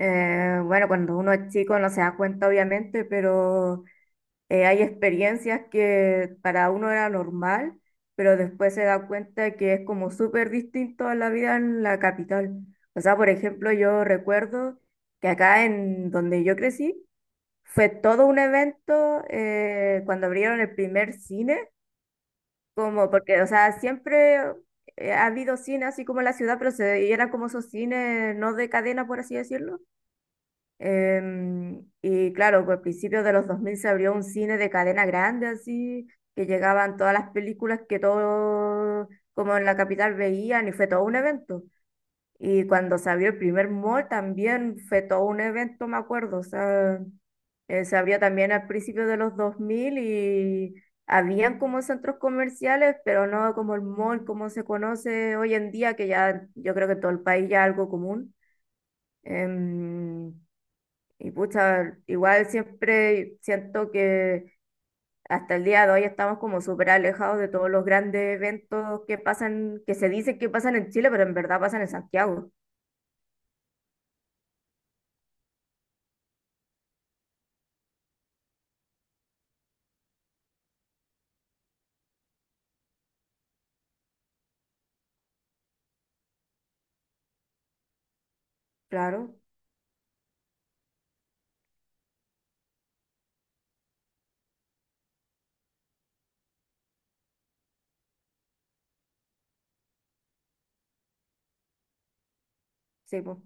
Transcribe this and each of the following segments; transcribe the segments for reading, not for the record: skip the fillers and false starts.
Bueno, Cuando uno es chico no se da cuenta, obviamente, pero hay experiencias que para uno era normal, pero después se da cuenta que es como súper distinto a la vida en la capital. O sea, por ejemplo, yo recuerdo que acá en donde yo crecí fue todo un evento cuando abrieron el primer cine, como porque, o sea, siempre ha habido cine así como en la ciudad, pero y eran como esos cines no de cadena, por así decirlo. Y claro, pues a principios de los 2000 se abrió un cine de cadena grande, así, que llegaban todas las películas que todos, como en la capital, veían, y fue todo un evento. Y cuando se abrió el primer mall también fue todo un evento, me acuerdo. O sea, se abrió también al principio de los 2000 y habían como centros comerciales, pero no como el mall, como se conoce hoy en día, que ya yo creo que en todo el país ya es algo común. Em, y pucha, igual siempre siento que hasta el día de hoy estamos como súper alejados de todos los grandes eventos que pasan, que se dicen que pasan en Chile, pero en verdad pasan en Santiago. Claro, sí, pues.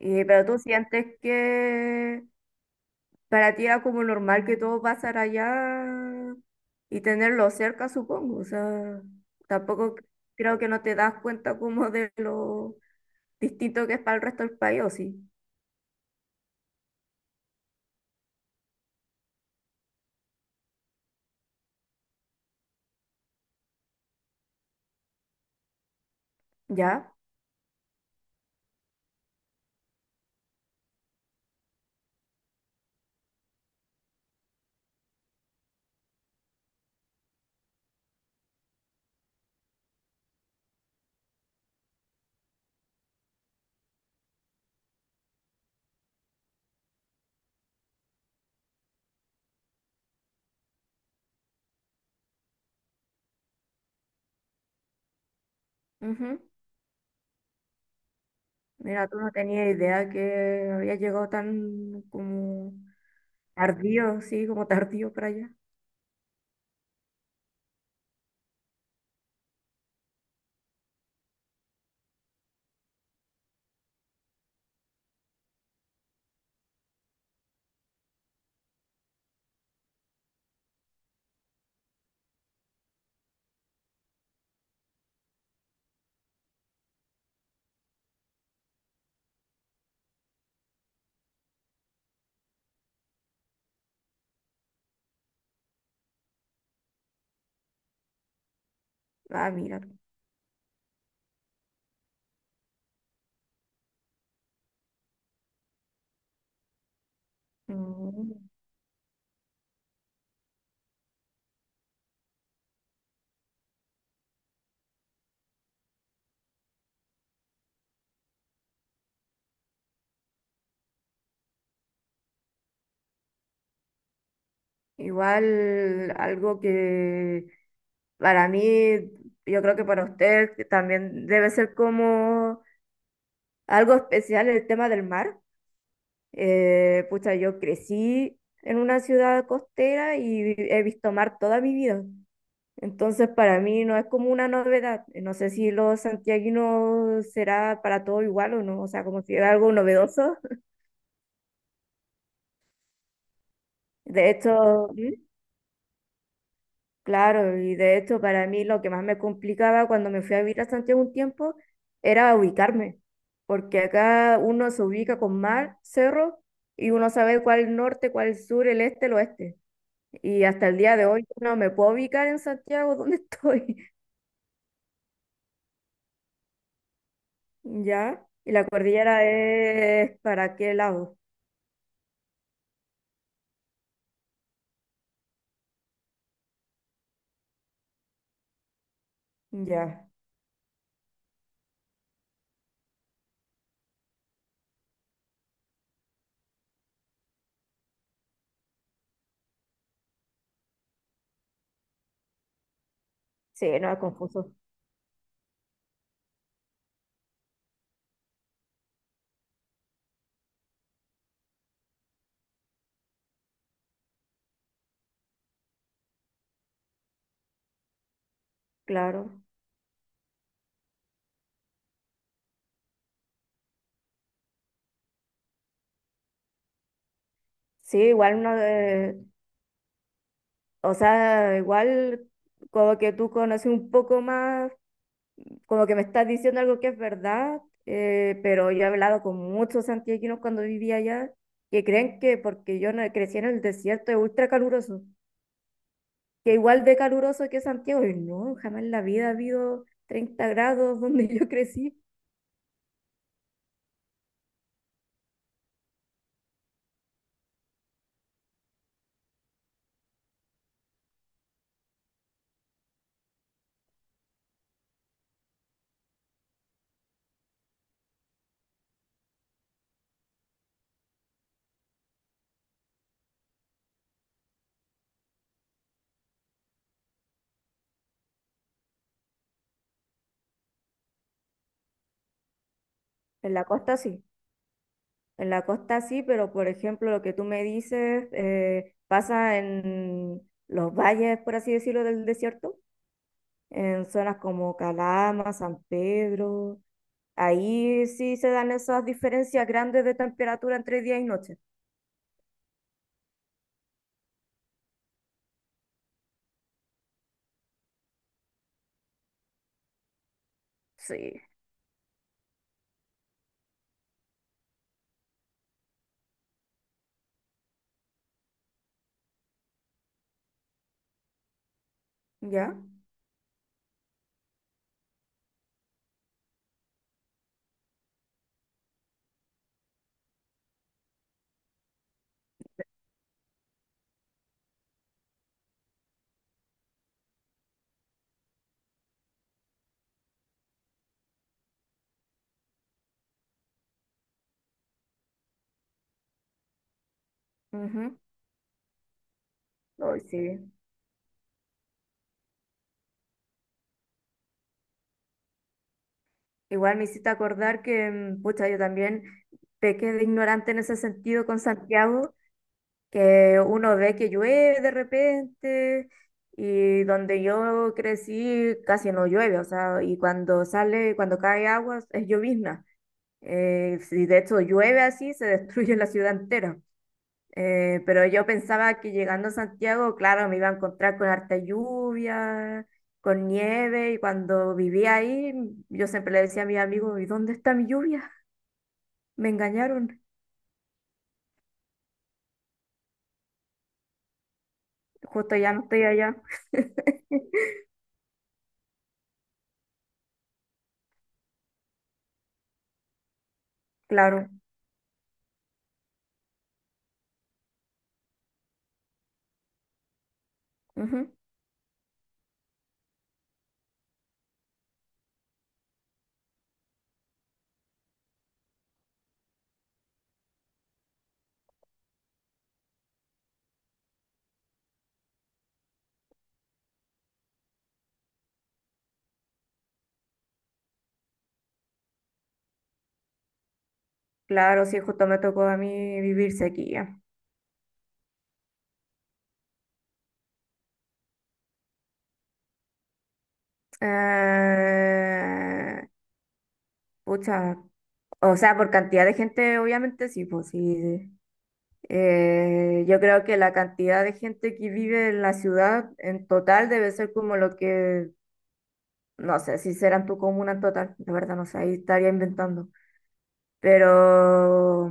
Y, pero tú sientes que para ti era como normal que todo pasara allá y tenerlo cerca, supongo. O sea, tampoco creo que no te das cuenta como de lo distinto que es para el resto del país, ¿o sí? ¿Ya? Ujú. Mira, tú no tenía idea que había llegado tan como tardío, sí, como tardío para allá. Ah, mira. Mm. Igual algo que para mí, yo creo que para usted que también debe ser como algo especial el tema del mar. Pucha, yo crecí en una ciudad costera y he visto mar toda mi vida. Entonces, para mí no es como una novedad. No sé si los santiaguinos será para todo igual o no, o sea, como si era algo novedoso. De hecho, ¿Mm? Claro, y de hecho para mí lo que más me complicaba cuando me fui a vivir a Santiago un tiempo era ubicarme, porque acá uno se ubica con mar, cerro, y uno sabe cuál es el norte, cuál es el sur, el este, el oeste. Y hasta el día de hoy no me puedo ubicar en Santiago, ¿dónde estoy? ¿Ya? ¿Y la cordillera es para qué lado? Ya, sí, no, es confuso, claro. Sí, igual uno, o sea, igual como que tú conoces un poco más, como que me estás diciendo algo que es verdad, pero yo he hablado con muchos santiaguinos cuando vivía allá, que creen que porque yo no crecí en el desierto es ultra caluroso, que igual de caluroso que Santiago, y no, jamás en la vida ha habido 30 grados donde yo crecí, en la costa sí. En la costa sí, pero por ejemplo, lo que tú me dices pasa en los valles, por así decirlo, del desierto, en zonas como Calama, San Pedro. Ahí sí se dan esas diferencias grandes de temperatura entre día y noche. Sí, ya. Ujú. Ay, sí. Igual me hiciste acordar que, mm, pucha, yo también pequé de ignorante en ese sentido con Santiago, que uno ve que llueve de repente y donde yo crecí casi no llueve, o sea, y cuando sale, cuando cae agua es llovizna. Si de hecho llueve así, se destruye la ciudad entera. Pero yo pensaba que llegando a Santiago, claro, me iba a encontrar con harta lluvia, con nieve, y cuando vivía ahí, yo siempre le decía a mis amigos, ¿y dónde está mi lluvia? Me engañaron, justo ya no estoy allá, claro. Ujú. Claro, sí, justo me tocó a mí vivir sequía. Eh, Pucha, o sea, por cantidad de gente, obviamente sí, pues sí. Yo creo que la cantidad de gente que vive en la ciudad en total debe ser como lo que, no sé, si será en tu comuna en total, de verdad, no sé, ahí estaría inventando. Pero,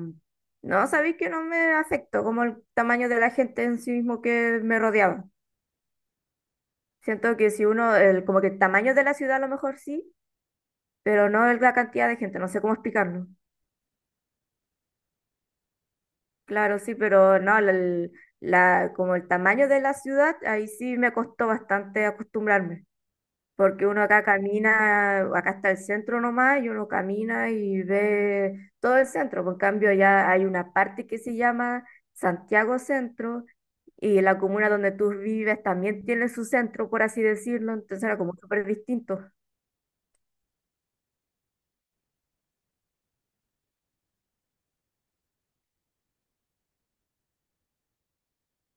no, sabéis que no me afectó como el tamaño de la gente en sí mismo que me rodeaba. Siento que si uno, el, como que el tamaño de la ciudad a lo mejor sí pero no la cantidad de gente, no sé cómo explicarlo. Claro, sí, pero no, como el tamaño de la ciudad, ahí sí me costó bastante acostumbrarme, porque uno acá camina, acá está el centro nomás, y uno camina y ve todo el centro, por cambio ya hay una parte que se llama Santiago Centro, y la comuna donde tú vives también tiene su centro, por así decirlo, entonces era como súper distinto.